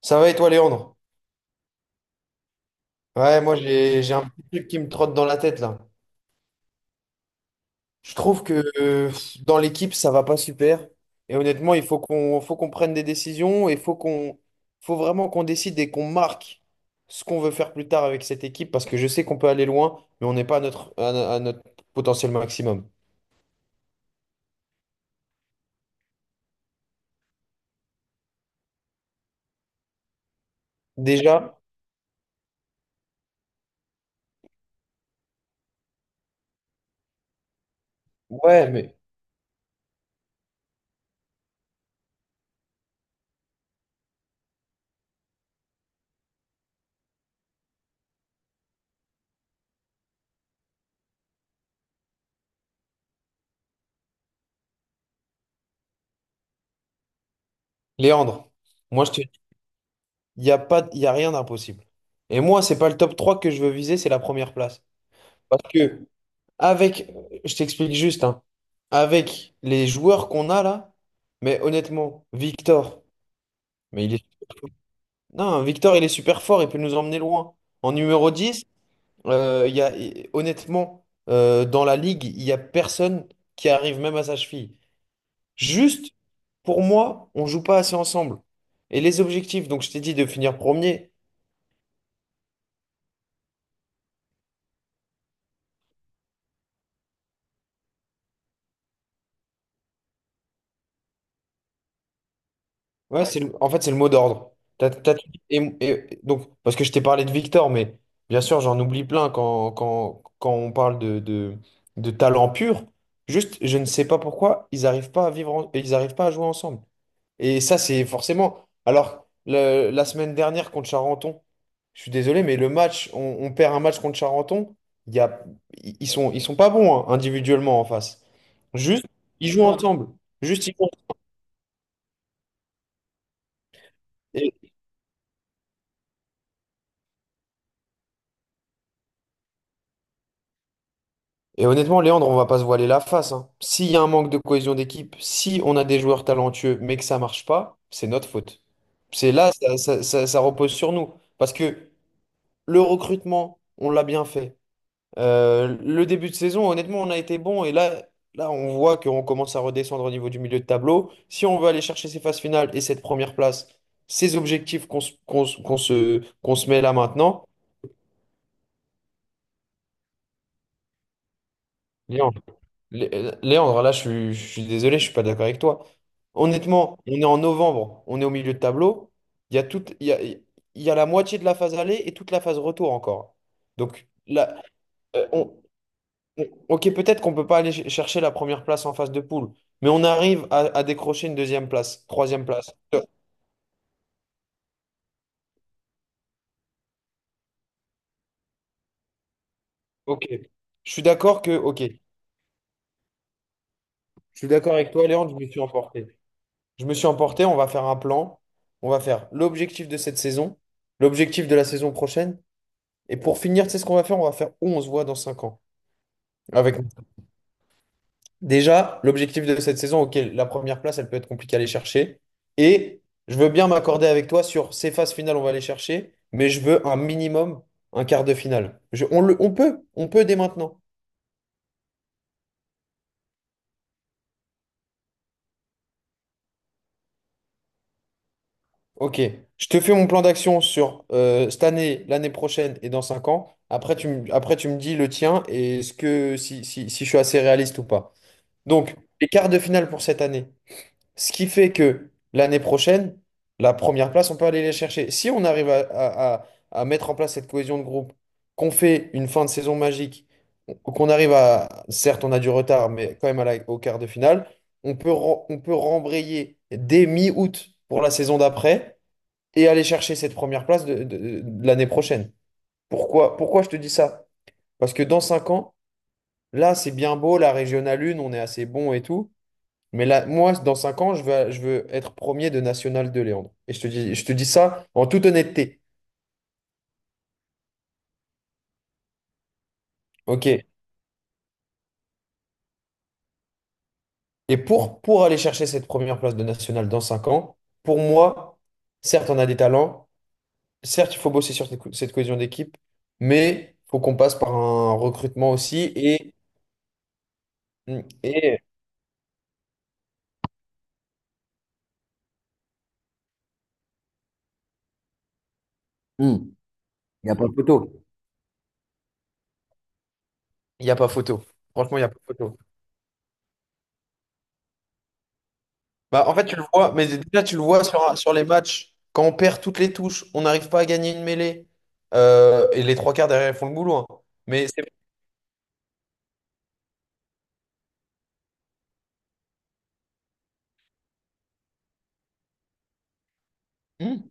Ça va et toi, Léandre? Ouais, moi j'ai un petit truc qui me trotte dans la tête là. Je trouve que dans l'équipe, ça va pas super. Et honnêtement, il faut qu'on prenne des décisions et faut vraiment qu'on décide et qu'on marque ce qu'on veut faire plus tard avec cette équipe parce que je sais qu'on peut aller loin, mais on n'est pas à notre, à, à notre potentiel maximum. Déjà, ouais, mais Léandre, moi je te dis, il n'y a pas, il y a rien d'impossible. Et moi, c'est pas le top 3 que je veux viser, c'est la première place. Parce que Avec, je t'explique juste, hein. Avec les joueurs qu'on a là, mais honnêtement, Victor, mais il est... Non, Victor, il est super fort, il peut nous emmener loin. En numéro 10, il y a, honnêtement, dans la ligue, il n'y a personne qui arrive même à sa cheville. Juste, pour moi, on joue pas assez ensemble. Et les objectifs, donc je t'ai dit de finir premier. Ouais, en fait, c'est le mot d'ordre. T'as tout dit. Et, donc, parce que je t'ai parlé de Victor, mais bien sûr, j'en oublie plein quand on parle de, de talent pur. Juste, je ne sais pas pourquoi ils n'arrivent pas à vivre, ils arrivent pas à jouer ensemble. Et ça, c'est forcément. Alors, la semaine dernière contre Charenton, je suis désolé, mais le match, on perd un match contre Charenton. Il y a, ils sont pas bons, hein, individuellement en face. Juste, ils jouent ensemble. Juste, ils jouent. Et honnêtement, Léandre, on va pas se voiler la face, hein. S'il y a un manque de cohésion d'équipe, si on a des joueurs talentueux mais que ça marche pas, c'est notre faute. C'est là, ça, ça repose sur nous. Parce que le recrutement, on l'a bien fait. Le début de saison, honnêtement, on a été bon. Et là, là, on voit qu'on commence à redescendre au niveau du milieu de tableau. Si on veut aller chercher ces phases finales et cette première place, ces objectifs qu'on se met là maintenant. Léandre, là, je suis désolé, je suis pas d'accord avec toi. Honnêtement, on est en novembre, on est au milieu de tableau. Il y a toute, il y a la moitié de la phase aller et toute la phase retour encore. Donc là, euh, on- ok, peut-être qu'on peut pas aller chercher la première place en phase de poule, mais on arrive à, décrocher une deuxième place, troisième place. Ok, je suis d'accord avec toi, Léandre, je me suis emporté. Je me suis emporté. On va faire un plan. On va faire l'objectif de cette saison, l'objectif de la saison prochaine. Et pour finir, tu sais ce qu'on va faire? On va faire où on se voit dans 5 ans. Avec déjà l'objectif de cette saison, ok, la première place, elle peut être compliquée à aller chercher. Et je veux bien m'accorder avec toi sur ces phases finales, on va aller chercher, mais je veux un minimum, un quart de finale. On peut dès maintenant. Ok, je te fais mon plan d'action sur cette année, l'année prochaine et dans 5 ans. Après, tu me dis le tien et ce que si, je suis assez réaliste ou pas. Donc, les quarts de finale pour cette année. Ce qui fait que l'année prochaine, la première place, on peut aller les chercher. Si on arrive à, à mettre en place cette cohésion de groupe, qu'on fait une fin de saison magique, qu'on arrive à, certes, on a du retard, mais quand même à au quart de finale, on peut rembrayer dès mi-août pour la saison d'après et aller chercher cette première place de, de l'année prochaine. Pourquoi, je te dis ça? Parce que dans 5 ans, là, c'est bien beau, la régionale 1, on est assez bon et tout. Mais là, moi, dans 5 ans, je veux être premier de National de Léandre. Et je te dis ça en toute honnêteté. OK. Et pour, aller chercher cette première place de National dans 5 ans, pour moi, certes, on a des talents, certes, il faut bosser sur cette cohésion d'équipe, mais il faut qu'on passe par un recrutement aussi. Et, et Il y a pas- il n'y a pas photo. Franchement, il n'y a pas photo. Bah, en fait, tu le vois, mais déjà, tu le vois sur les matchs. Quand on perd toutes les touches, on n'arrive pas à gagner une mêlée. Et les trois quarts derrière, ils font le boulot, hein. Mais c'est. Hmm.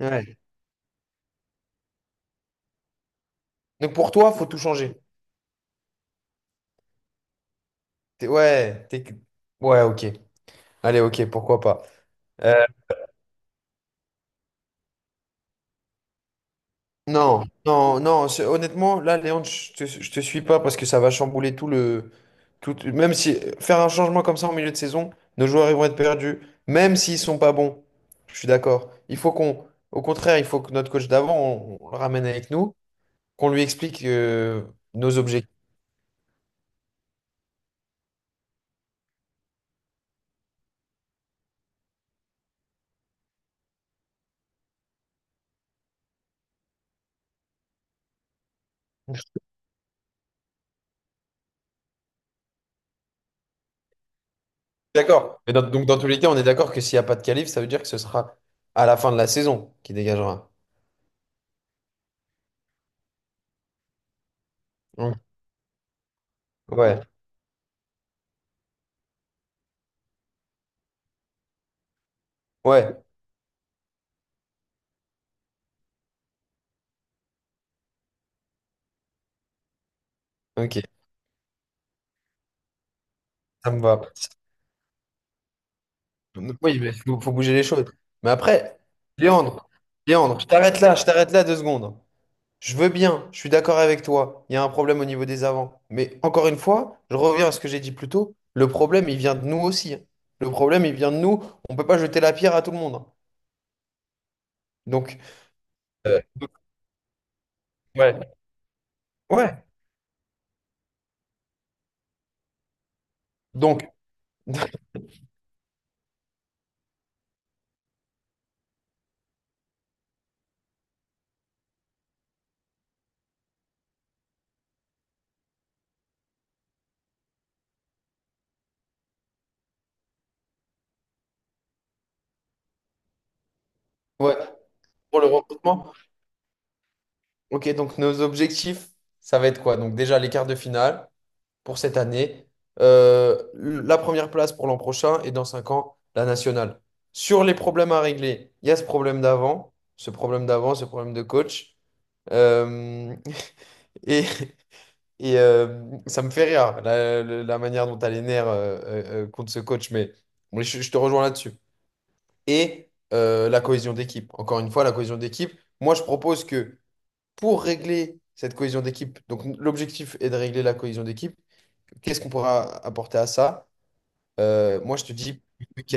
Ouais. Donc pour toi, faut tout changer. Ouais, ouais, ok. Allez, ok, pourquoi pas. Euh, non, non, non. Honnêtement, là, Léon, je te suis pas parce que ça va chambouler tout le. Tout, même si faire un changement comme ça en milieu de saison, nos joueurs ils vont être perdus, même s'ils sont pas bons. Je suis d'accord. Au contraire, il faut que notre coach d'avant, on le ramène avec nous, qu'on lui explique nos objectifs. D'accord. Mais donc dans tous les cas, on est d'accord que s'il n'y a pas de qualif, ça veut dire que ce sera à la fin de la saison qui dégagera. Mm. Ouais, ouais, ok, ça me va. Oui, mais faut bouger les choses. Mais après, Léandre, je t'arrête là 2 secondes. Je veux bien, je suis d'accord avec toi, il y a un problème au niveau des avants. Mais encore une fois, je reviens à ce que j'ai dit plus tôt, le problème, il vient de nous aussi, hein. Le problème, il vient de nous, on ne peut pas jeter la pierre à tout le monde, hein. Donc, Euh, ouais, ouais. Donc, ouais, pour le recrutement, ok, donc nos objectifs, ça va être quoi? Donc déjà les quarts de finale pour cette année, la première place pour l'an prochain et dans cinq ans, la nationale. Sur les problèmes à régler, il y a ce problème d'avant, ce problème de coach. Euh, et et ça me fait rire, la manière dont tu as les nerfs contre ce coach, mais je te rejoins là-dessus. Et la cohésion d'équipe. Encore une fois, la cohésion d'équipe. Moi, je propose que pour régler cette cohésion d'équipe, donc l'objectif est de régler la cohésion d'équipe, qu'est-ce qu'on pourra apporter à ça? Moi, je te dis ok,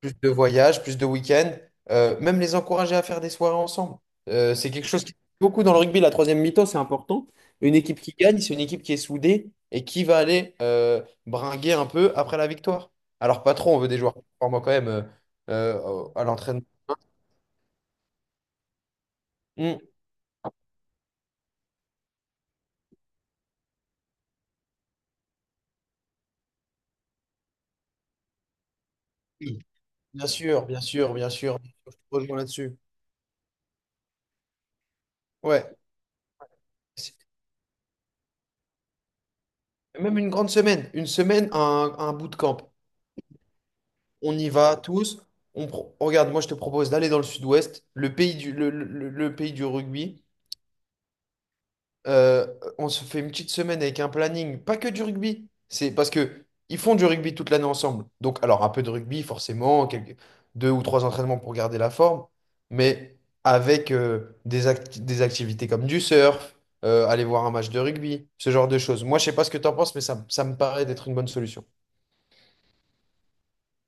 plus de voyages, plus de week-ends, même les encourager à faire des soirées ensemble. C'est quelque chose qui beaucoup dans le rugby, la troisième mi-temps, c'est important. Une équipe qui gagne, c'est une équipe qui est soudée et qui va aller bringuer un peu après la victoire. Alors pas trop, on veut des joueurs performants quand même à l'entraînement. Mm. Oui, bien sûr, bien sûr, bien sûr. Je te rejoins là-dessus. Ouais. C'est- Même une grande semaine. Une semaine, un bootcamp. On y va tous. Regarde, moi je te propose d'aller dans le sud-ouest, le pays du rugby. Euh, on se fait une petite semaine avec un planning, pas que du rugby. C'est parce que ils font du rugby toute l'année ensemble. Donc, alors un peu de rugby, forcément, deux ou trois entraînements pour garder la forme, mais avec des activités comme du surf, aller voir un match de rugby, ce genre de choses. Moi, je sais pas ce que tu en penses, mais ça me paraît d'être une bonne solution.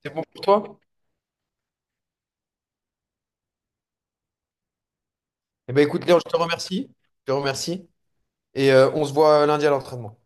C'est bon pour toi? Eh ben écoute, Léon, je te remercie. Je te remercie. Et on se voit lundi à l'entraînement.